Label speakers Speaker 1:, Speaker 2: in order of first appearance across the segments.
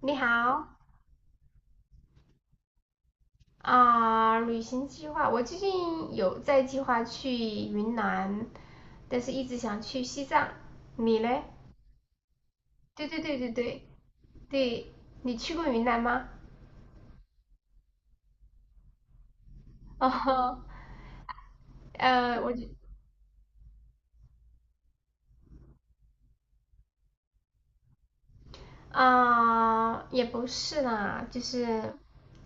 Speaker 1: 你好，啊、旅行计划，我最近有在计划去云南，但是一直想去西藏。你嘞？对对对对对对，你去过云南吗？哦，呃，我就啊、也不是啦，就是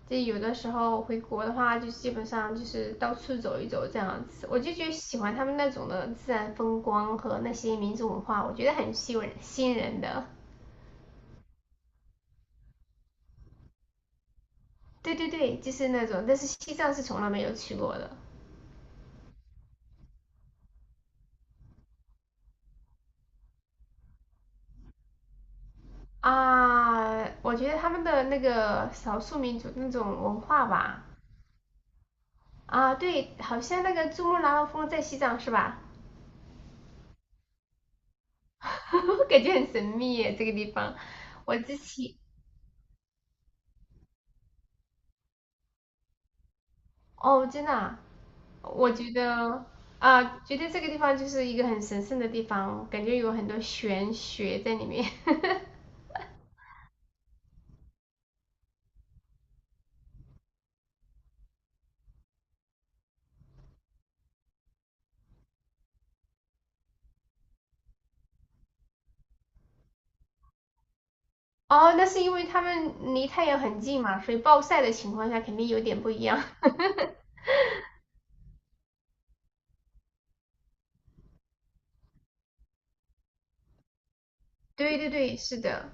Speaker 1: 就有的时候回国的话，就基本上就是到处走一走这样子。我就觉得喜欢他们那种的自然风光和那些民族文化，我觉得很吸引人的。对对对，就是那种，但是西藏是从来没有去过的。啊。我觉得他们的那个少数民族那种文化吧，啊，对，好像那个珠穆朗玛峰在西藏是吧？感觉很神秘耶这个地方。我之前哦，真的啊。我觉得啊，觉得这个地方就是一个很神圣的地方，感觉有很多玄学在里面。哦，那是因为他们离太阳很近嘛，所以暴晒的情况下肯定有点不一样。对对对，是的，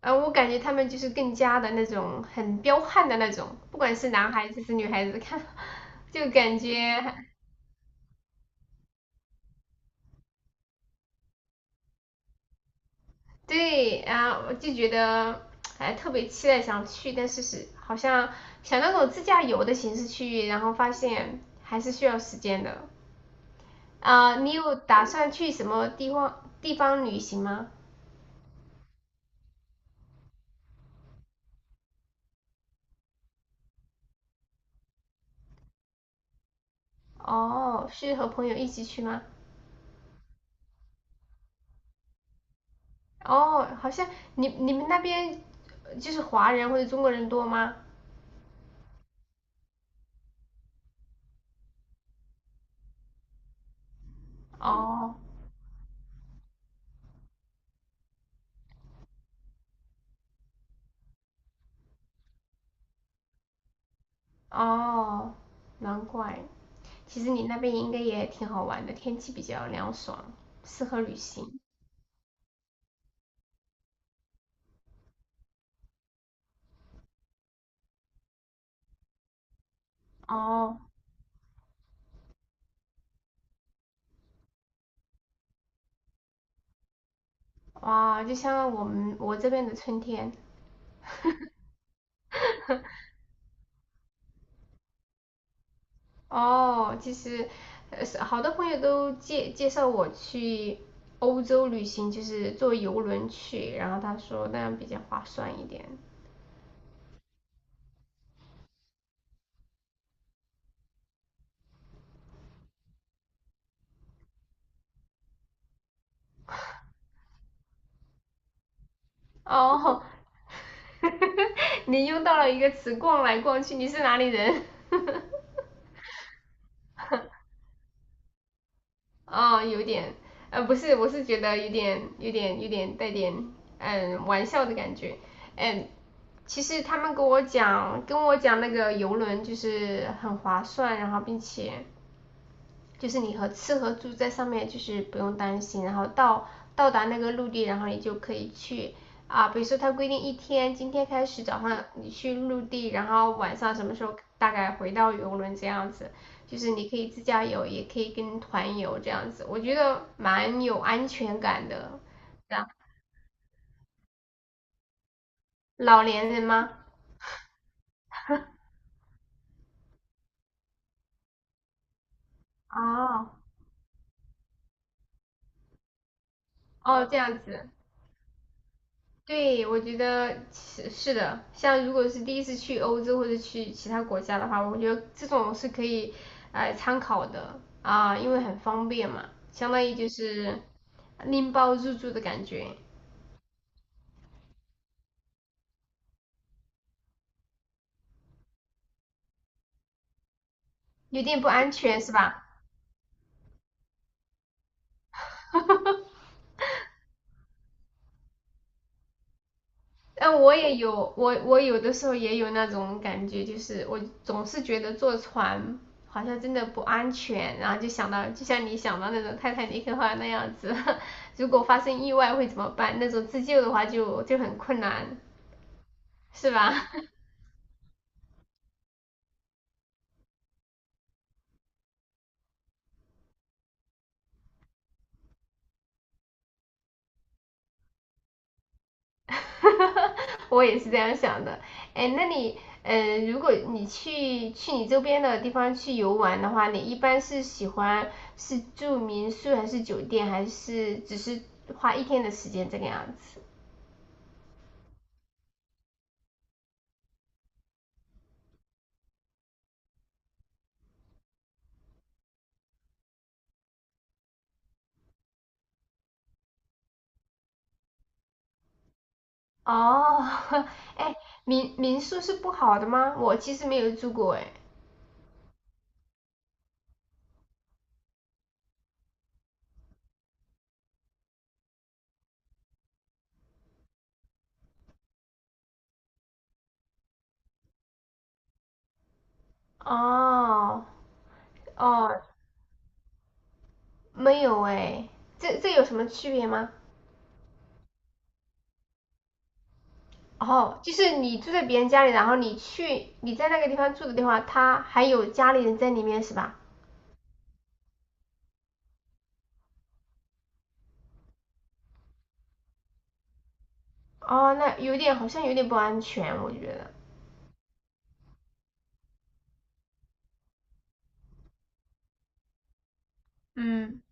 Speaker 1: 我感觉他们就是更加的那种很彪悍的那种，不管是男孩子是女孩子看，就感觉。对啊，我就觉得哎特别期待想去，但是是好像想那种自驾游的形式去，然后发现还是需要时间的。啊。你有打算去什么地方旅行吗？哦，是和朋友一起去吗？哦，好像你们那边就是华人或者中国人多吗？哦。哦，难怪。其实你那边应该也挺好玩的，天气比较凉爽，适合旅行。哦。哇，就像我们我这边的春天。哦，其实，是好多朋友都介绍我去欧洲旅行，就是坐游轮去，然后他说那样比较划算一点。哦。你用到了一个词“逛来逛去”，你是哪里人？哦，有点，不是，我是觉得有点带点，嗯，玩笑的感觉。嗯，其实他们跟我讲，跟我讲那个游轮就是很划算，然后并且就是你和吃和住在上面就是不用担心，然后到到达那个陆地，然后你就可以去啊，比如说它规定一天，今天开始早上你去陆地，然后晚上什么时候大概回到游轮这样子，就是你可以自驾游，也可以跟团游这样子，我觉得蛮有安全感的。是啊。老年人吗？哦。哦，这样子。对，我觉得是的，像如果是第一次去欧洲或者去其他国家的话，我觉得这种是可以参考的啊，因为很方便嘛，相当于就是拎包入住的感觉，有点不安全是吧？但我也有，我有的时候也有那种感觉，就是我总是觉得坐船好像真的不安全，然后就想到，就像你想到那种泰坦尼克号那样子，如果发生意外会怎么办？那种自救的话就很困难，是吧？我也是这样想的。哎，那你，嗯，如果你去你周边的地方去游玩的话，你一般是喜欢是住民宿还是酒店，还是只是花一天的时间这个样子？哦。哎，民宿是不好的吗？我其实没有住过哎。哦。哦，没有哎，这有什么区别吗？哦，就是你住在别人家里，然后你去你在那个地方住的地方，他还有家里人在里面是吧？哦，那有点好像有点不安全，我觉得。嗯。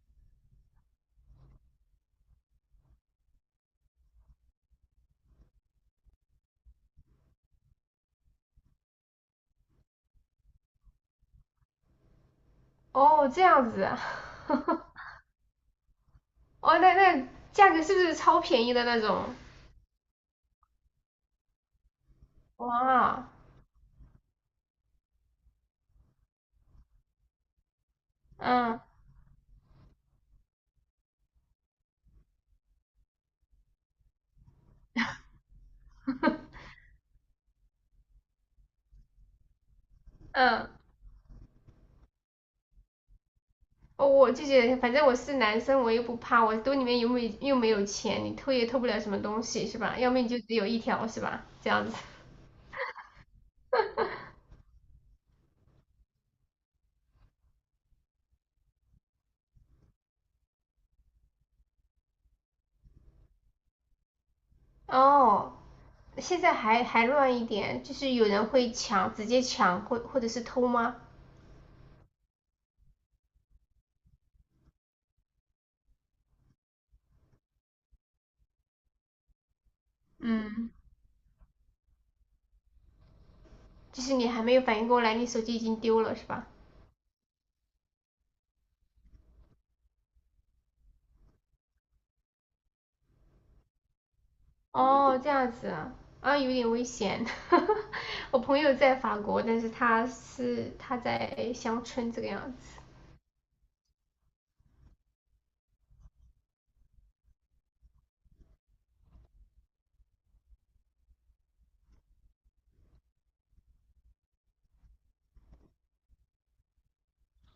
Speaker 1: 哦，这样子啊，哦，那价格是不是超便宜的那种？哇。嗯嗯。哦，我就觉得反正我是男生，我又不怕，我兜里面又没有钱，你偷也偷不了什么东西是吧？要么你就只有一条是吧？这样子。哦，现在还乱一点，就是有人会抢，直接抢或者是偷吗？嗯，就是你还没有反应过来，你手机已经丢了是吧？哦，这样子啊，啊，有点危险。我朋友在法国，但是他在乡村这个样子。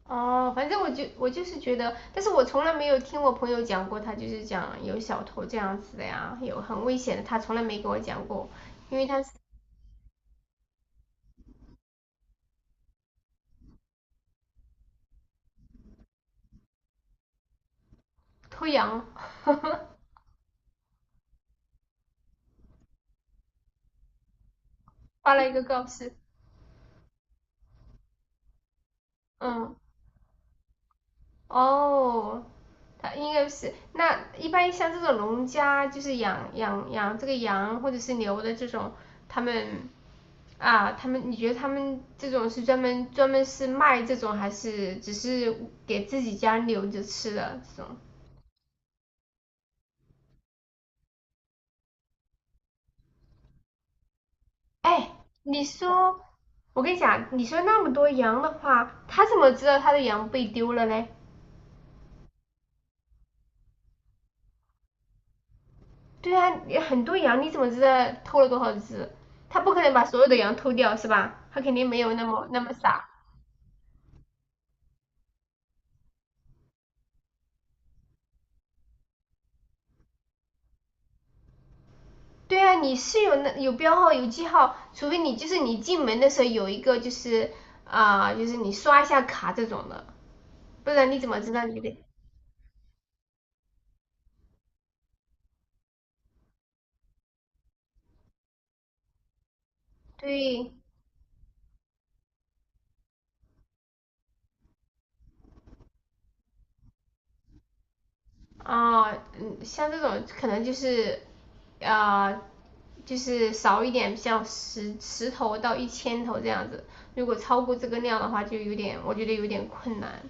Speaker 1: 哦，反正我就是觉得，但是我从来没有听我朋友讲过，他就是讲有小偷这样子的呀，有很危险的，他从来没给我讲过，因为他是偷羊，发了一个告示，嗯。哦，它应该是那一般像这种农家，就是养这个羊或者是牛的这种，他们啊，他们你觉得他们这种是专门是卖这种，还是只是给自己家留着吃的这种？哎，你说，我跟你讲，你说那么多羊的话，他怎么知道他的羊被丢了嘞？对啊，很多羊你怎么知道偷了多少只？他不可能把所有的羊偷掉是吧？他肯定没有那么傻。对啊，你是有那有标号有记号，除非你就是你进门的时候有一个就是啊、就是你刷一下卡这种的，不然你怎么知道你的？对啊。嗯，像这种可能就是啊，就是少一点，像十头到1000头这样子。如果超过这个量的话，就有点我觉得有点困难。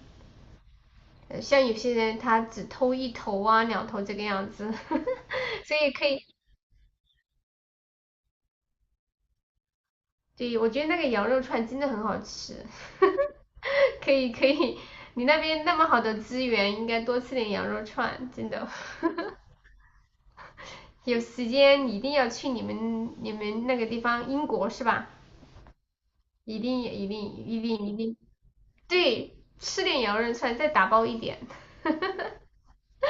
Speaker 1: 像有些人他只偷1头啊2头这个样子，所以可以，对，我觉得那个羊肉串真的很好吃。可以可以，你那边那么好的资源，应该多吃点羊肉串，真的。有时间一定要去你们那个地方，英国是吧？一定一定一定一定，对，吃点羊肉串，再打包一点。